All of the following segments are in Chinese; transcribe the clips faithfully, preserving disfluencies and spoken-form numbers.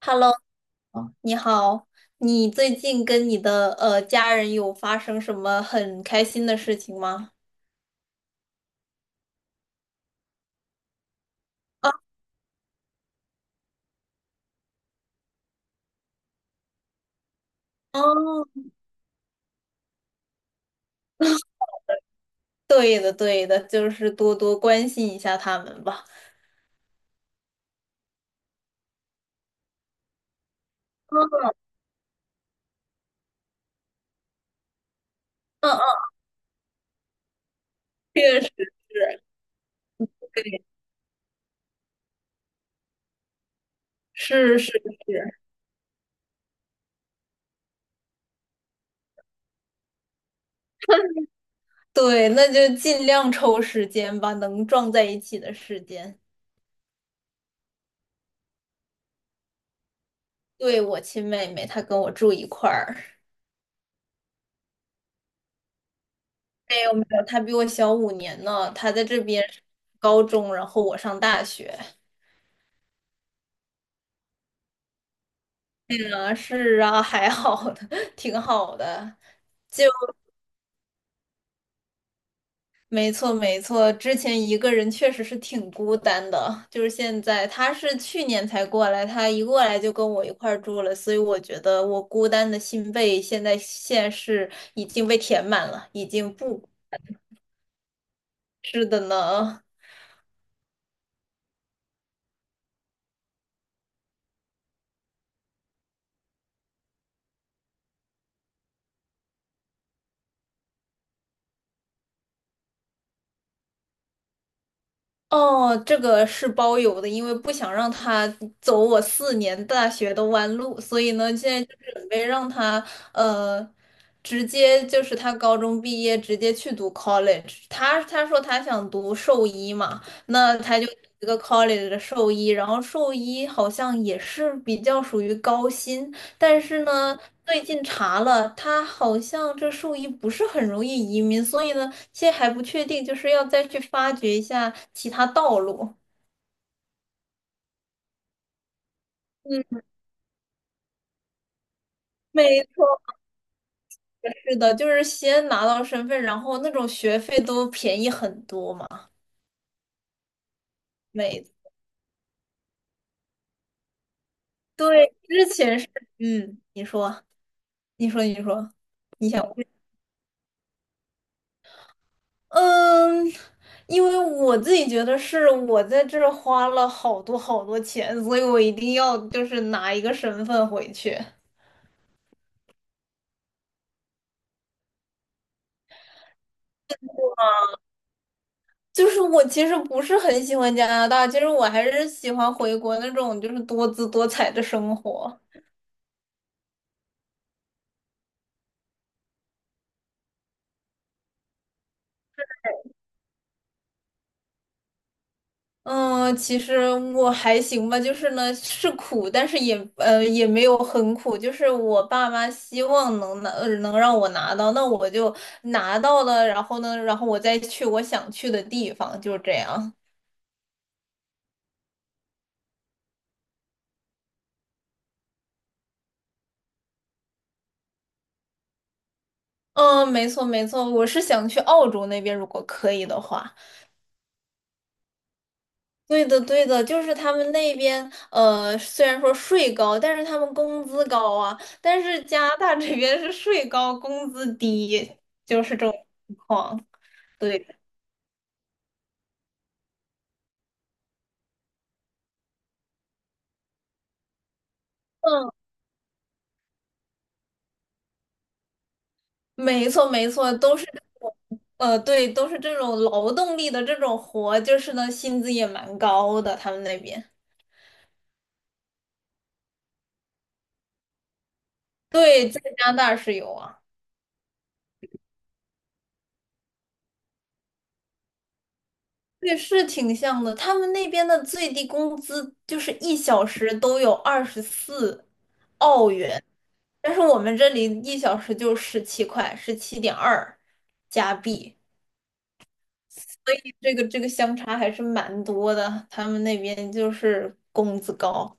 Hello，啊你好，你最近跟你的呃家人有发生什么很开心的事情吗？啊，哦，对的，对的，就是多多关心一下他们吧。嗯嗯嗯，确实是，对，是是是，对，那就尽量抽时间吧，能撞在一起的时间。对，我亲妹妹，她跟我住一块儿。没有没有，她比我小五年呢，她在这边上高中，然后我上大学。啊，是啊，还好的，挺好的。就没错没错，之前一个人确实是挺孤单的，就是现在他是去年才过来，他一过来就跟我一块儿住了，所以我觉得我孤单的心被现在现是已经被填满了，已经不是的呢。哦，这个是包邮的，因为不想让他走我四年大学的弯路，所以呢，现在就准备让他呃，直接就是他高中毕业直接去读 college。他他说他想读兽医嘛，那他就读一个 college 的兽医，然后兽医好像也是比较属于高薪，但是呢，最近查了，他好像这兽医不是很容易移民，所以呢。现在还不确定，就是要再去发掘一下其他道路。嗯，没错，是的，就是先拿到身份，然后那种学费都便宜很多嘛。没，对，之前是，嗯，你说，你说，你说，你想，嗯，因为我自己觉得是我在这儿花了好多好多钱，所以我一定要就是拿一个身份回去。就是我其实不是很喜欢加拿大，其实我还是喜欢回国那种就是多姿多彩的生活。嗯，其实我还行吧，就是呢是苦，但是也呃也没有很苦，就是我爸妈希望能拿呃能让我拿到，那我就拿到了，然后呢，然后我再去我想去的地方，就是这样。嗯，没错没错，我是想去澳洲那边，如果可以的话。对的，对的，就是他们那边，呃，虽然说税高，但是他们工资高啊。但是加拿大这边是税高，工资低，就是这种情况。对，嗯，没错，没错，都是，呃，对，都是这种劳动力的这种活，就是呢，薪资也蛮高的，他们那边。对，在加拿大是有啊，对，是挺像的。他们那边的最低工资就是一小时都有二十四澳元。但是我们这里一小时就十七块，十七点二加币，所以这个这个相差还是蛮多的。他们那边就是工资高，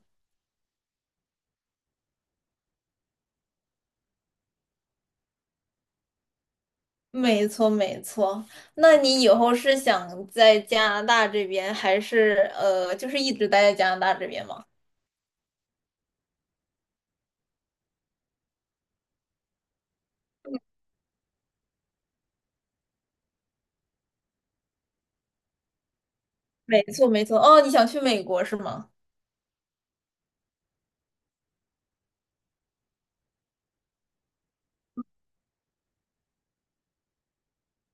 没错没错。那你以后是想在加拿大这边，还是呃，就是一直待在加拿大这边吗？没错没错。哦，你想去美国是吗？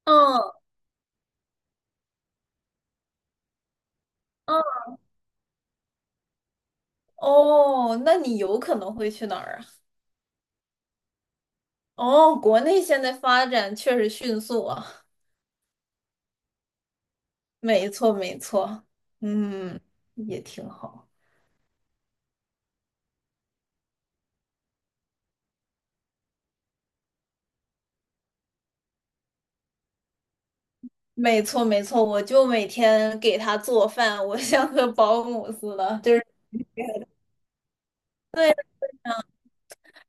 嗯嗯哦，那你有可能会去哪儿啊？哦，国内现在发展确实迅速啊。没错，没错，嗯，也挺好。没错，没错，我就每天给他做饭，我 像个保姆似的，就是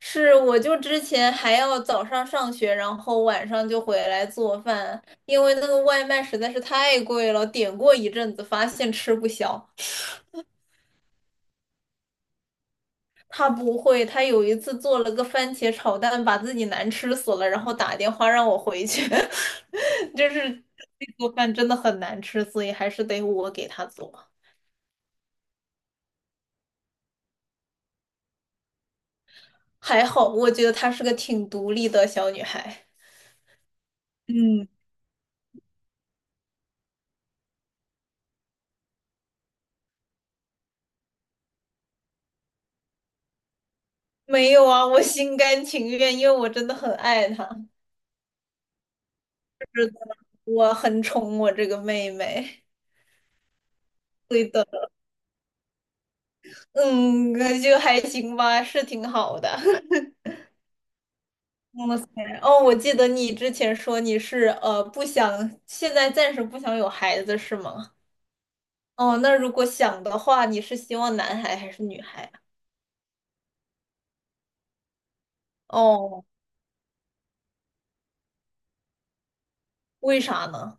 是，我就之前还要早上上学，然后晚上就回来做饭，因为那个外卖实在是太贵了，点过一阵子，发现吃不消。他不会，他有一次做了个番茄炒蛋，把自己难吃死了，然后打电话让我回去，就是做饭真的很难吃，所以还是得我给他做。还好，我觉得她是个挺独立的小女孩。嗯，没有啊，我心甘情愿，因为我真的很爱她，是我很宠我这个妹妹。对的，嗯，呃就还行吧，是挺好的。哇塞，哦，我记得你之前说你是呃不想，现在暂时不想有孩子是吗？哦，那如果想的话，你是希望男孩还是女孩啊？哦，为啥呢？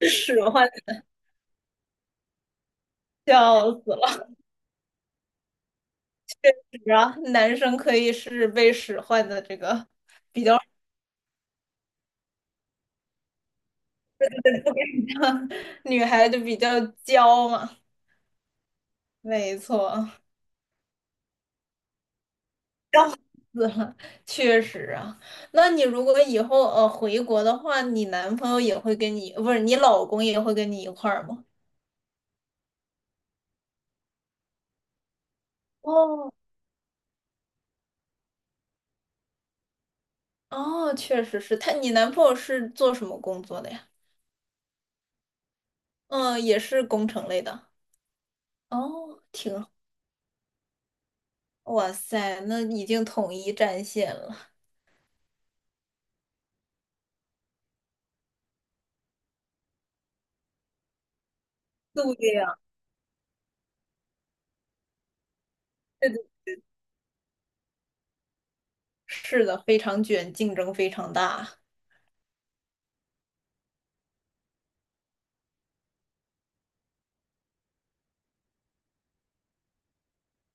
使唤，笑死。了。然后男生可以是被使唤的这个，女孩就比较娇嘛，没错，笑死了，确实啊。那你如果以后呃回国的话，你男朋友也会跟你，不是你老公也会跟你一块儿吗？哦，哦，确实是他，你男朋友是做什么工作的呀？嗯，也是工程类的。哦，挺好哇塞，那已经统一战线了。对呀，是的，是的，非常卷，竞争非常大。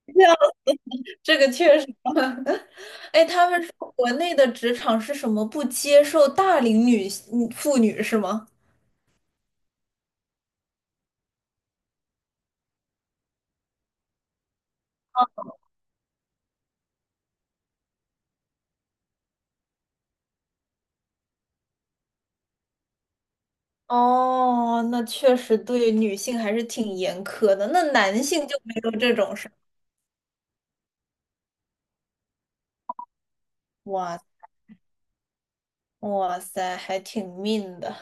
这个确实，哎，他们说国内的职场是什么不接受大龄女性妇女是吗？哦，那确实对女性还是挺严苛的。那男性就没有这种事儿哇哇塞，还挺命的。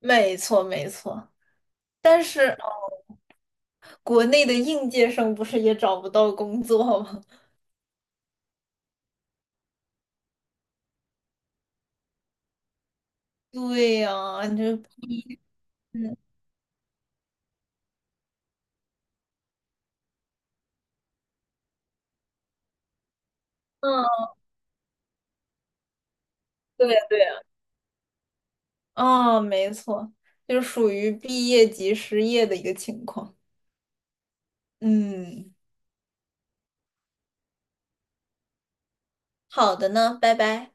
没错没错，但是国内的应届生不是也找不到工作吗？对呀、你就嗯嗯，对对。哦，没错，就是属于毕业即失业的一个情况。嗯，好的呢，拜拜。